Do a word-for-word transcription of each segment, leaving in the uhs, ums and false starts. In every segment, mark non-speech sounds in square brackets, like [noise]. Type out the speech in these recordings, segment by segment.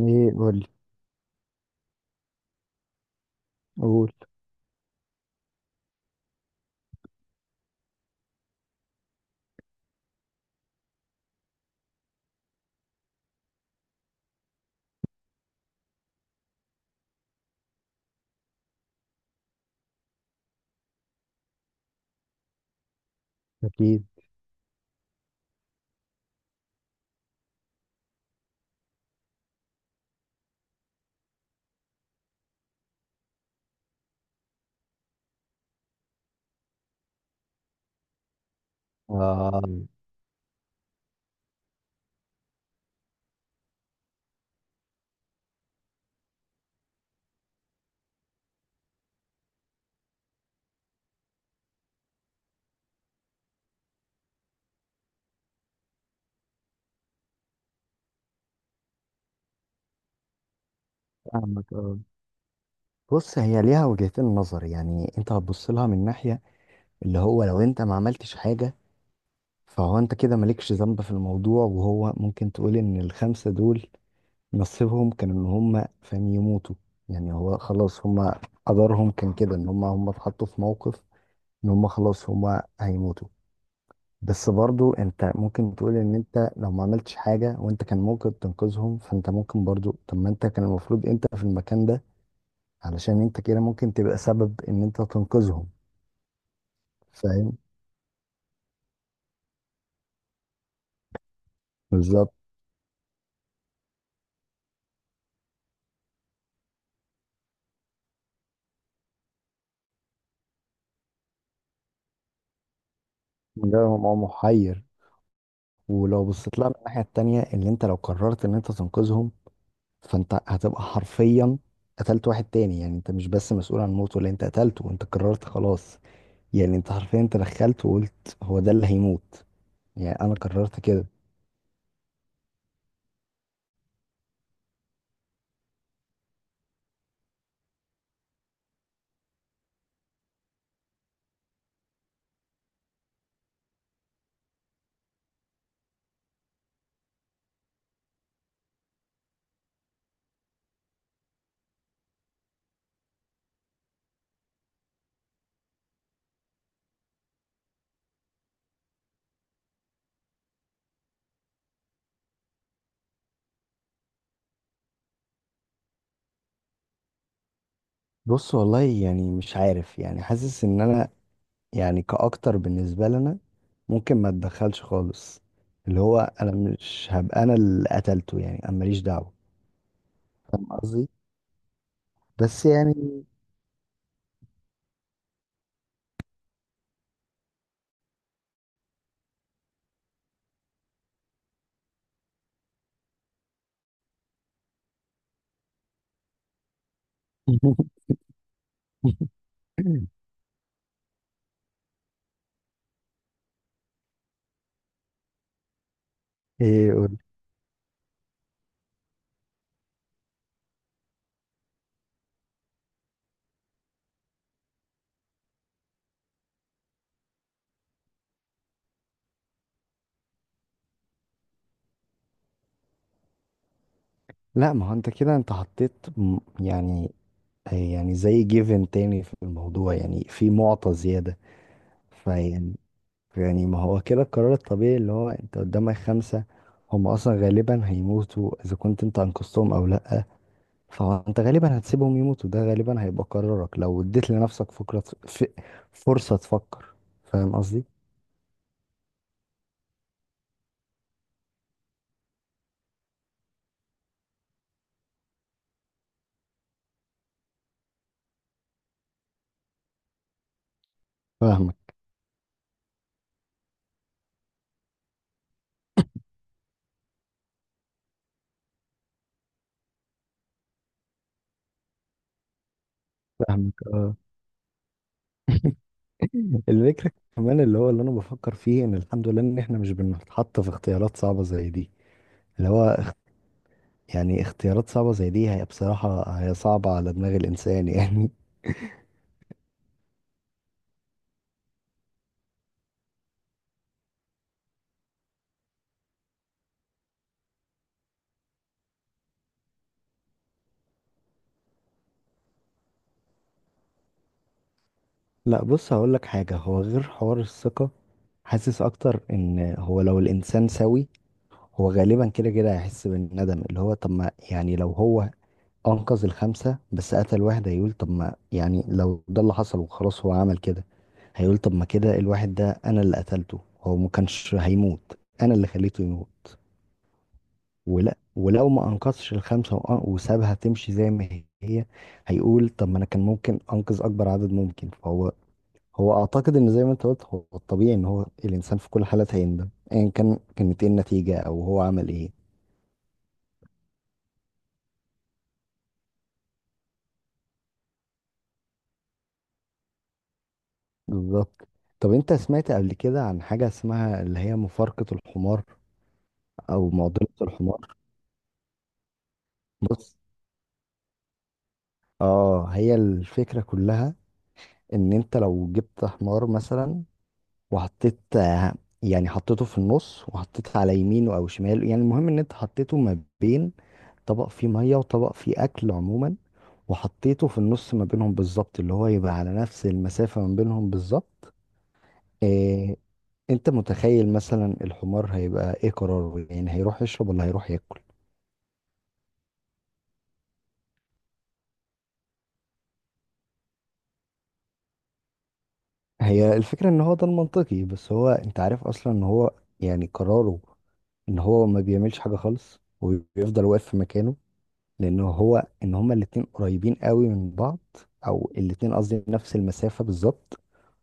ايه، قول. قول. اكيد. آه. فاهمك، اه. بص، هي ليها وجهتين نظر، يعني انت هتبص لها من ناحية اللي هو لو انت ما عملتش حاجة، فهو انت كده مالكش ذنب في الموضوع، وهو ممكن تقول ان الخمسة دول نصيبهم كان ان هم، فاهم، يموتوا. يعني هو خلاص هم قدرهم كان كده، ان هم هم اتحطوا في موقف ان هم خلاص هم هيموتوا. بس برضو انت ممكن تقول ان انت لو ما عملتش حاجة وانت كان ممكن تنقذهم، فانت ممكن برضو، طب ما انت كان المفروض انت في المكان ده، علشان انت كده ممكن تبقى سبب ان انت تنقذهم. فاهم؟ بالظبط. مجرد هو محير. ولو بصيت لها من الناحية التانية، اللي انت لو قررت ان انت تنقذهم، فانت هتبقى حرفيا قتلت واحد تاني، يعني انت مش بس مسؤول عن موته، اللي انت قتلته انت قررت خلاص، يعني انت حرفيا تدخلت وقلت هو ده اللي هيموت، يعني انا قررت كده. بص، والله، يعني مش عارف، يعني حاسس ان انا، يعني كاكتر بالنسبه لنا، ممكن ما اتدخلش خالص، اللي هو انا مش هبقى انا اللي قتلته، يعني انا ماليش دعوه. فاهم قصدي؟ بس يعني. [laughs] ايه، قول. لا، ما هو انت كده انت حطيت م- يعني يعني زي جيفن تاني في الموضوع، يعني في معطى زياده، فيعني يعني ما هو كده القرار الطبيعي، اللي هو انت قدامك خمسه، هم اصلا غالبا هيموتوا اذا كنت انت انقذتهم او لا، فانت غالبا هتسيبهم يموتوا. ده غالبا هيبقى قرارك لو اديت لنفسك فكرة، ف- فرصة تفكر. فاهم قصدي؟ فاهمك فاهمك اه. [laughs] الفكرة كمان، اللي هو اللي انا بفكر فيه، ان الحمد لله ان احنا مش بنتحط في اختيارات صعبة زي دي. اللي هو، يعني اختيارات صعبة زي دي هي بصراحة هي صعبة على دماغ الانسان يعني. [laughs] لا، بص، هقول لك حاجة. هو غير حوار الثقة، حاسس اكتر ان هو لو الانسان سوي، هو غالبا كده كده هيحس بالندم. اللي هو طب ما، يعني لو هو انقذ الخمسه بس قتل واحد، هيقول طب ما، يعني لو ده اللي حصل وخلاص هو عمل كده، هيقول طب ما كده الواحد ده انا اللي قتلته، هو ما كانش هيموت انا اللي خليته يموت. ولا، ولو ما انقذش الخمسه وأن- وسابها تمشي زي ما هي، هيقول طب ما انا كان ممكن انقذ اكبر عدد ممكن. فهو هو اعتقد ان زي ما انت قلت، هو الطبيعي ان هو الانسان في كل حالات هيندم، ايا كان كانت ايه النتيجه او هو عمل ايه. بالظبط. طب انت سمعت قبل كده عن حاجه اسمها اللي هي مفارقه الحمار؟ او معضله الحمار؟ بص، اه، هي الفكره كلها ان انت لو جبت حمار مثلا وحطيت، آه، يعني حطيته في النص، وحطيت على يمينه او شماله، يعني المهم ان انت حطيته ما بين طبق فيه ميه وطبق فيه اكل عموما، وحطيته في النص ما بينهم بالظبط، اللي هو يبقى على نفس المسافه ما بينهم بالظبط. إيه، انت متخيل مثلا الحمار هيبقى ايه قراره؟ يعني هيروح يشرب ولا هيروح ياكل؟ هي الفكرة ان هو ده المنطقي، بس هو انت عارف اصلا ان هو يعني قراره ان هو ما بيعملش حاجة خالص وبيفضل واقف في مكانه، لان هو ان هما الاتنين قريبين قوي من بعض، او الاتنين قصدي نفس المسافة بالظبط،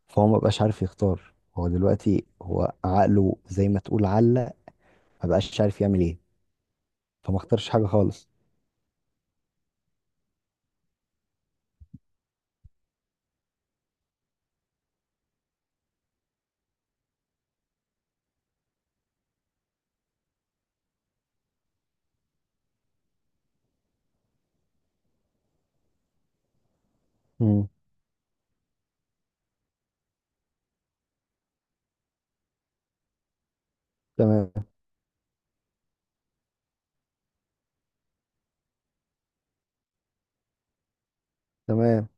فهو ما بقاش عارف يختار، هو دلوقتي هو عقله زي ما تقول علق، ما بقاش عارف يعمل ايه، فما اختارش حاجة خالص. مم. تمام. تمام.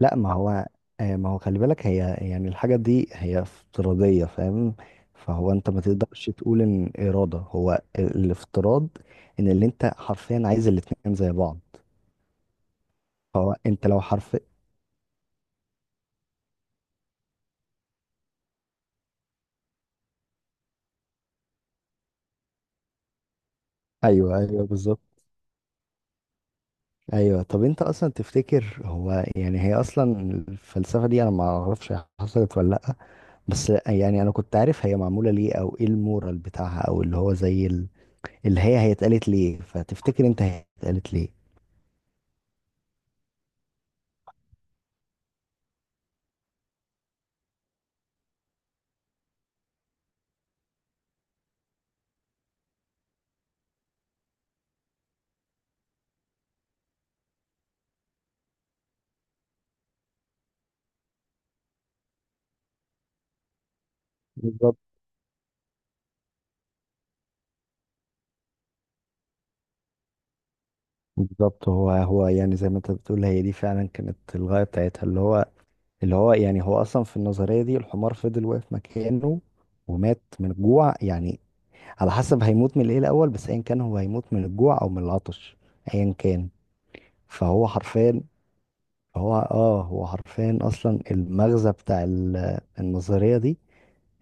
لا، ما هو، آه، ما هو خلي بالك، هي يعني الحاجة دي هي افتراضية، فاهم؟ فهو انت ما تقدرش تقول ان إرادة هو ال- الافتراض ان اللي انت حرفيا عايز الاتنين زي بعض، فهو انت لو حرف. ايوه، ايوه، بالظبط. ايوه، طب انت اصلا تفتكر هو، يعني هي اصلا الفلسفة دي انا ما اعرفش هي حصلت ولا لا. بس يعني انا كنت عارف هي معمولة ليه، او ايه المورال بتاعها، او اللي هو زي ال- اللي هي هي اتقالت ليه. فتفتكر انت هي اتقالت ليه؟ بالظبط. هو هو يعني زي ما انت بتقول، هي دي فعلا كانت الغاية بتاعتها. اللي هو اللي هو يعني هو اصلا في النظرية دي الحمار فضل واقف مكانه ومات من الجوع، يعني على حسب هيموت من ايه الاول، بس ايا كان هو هيموت من الجوع او من العطش، ايا كان. فهو حرفيا هو اه هو حرفيا اصلا المغزى بتاع ال- النظرية دي،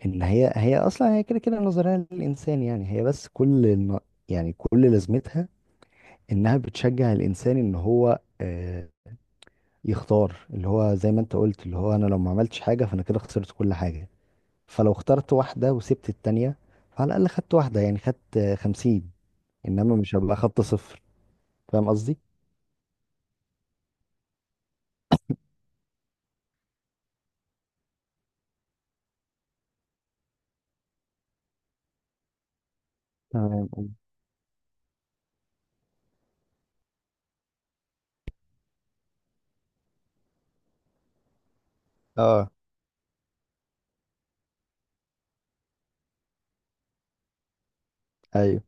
ان هي هي اصلا هي كده كده نظرية للانسان، يعني هي بس كل الن- يعني كل لازمتها انها بتشجع الانسان ان هو، آه، يختار اللي هو زي ما انت قلت، اللي هو انا لو ما عملتش حاجه فانا كده خسرت كل حاجه، فلو اخترت واحده وسبت التانية، فعلى الاقل خدت واحده، يعني خدت، آه، خمسين، انما مش هبقى خدت صفر. فاهم قصدي؟ تمام. اه. ايوه.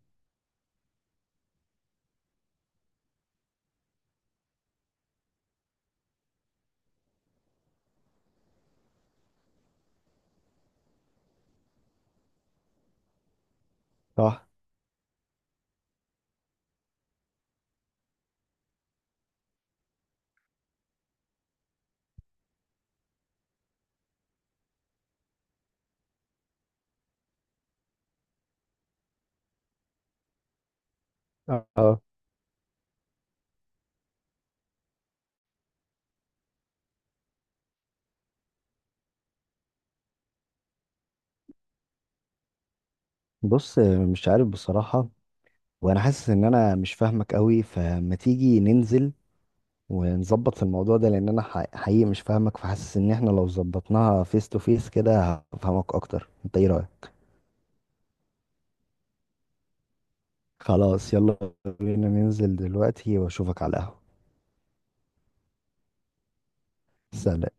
صح. اه. بص، آه، مش عارف بصراحه، وانا حاسس ان انا مش فاهمك قوي، فما تيجي ننزل ونظبط في الموضوع ده، لان انا ح- حقيقي مش فاهمك. فحاسس ان احنا لو ظبطناها فيس تو فيس كده هفهمك اكتر. انت ايه رايك؟ خلاص، يلا، بينا ننزل دلوقتي واشوفك على القهوة. سلام.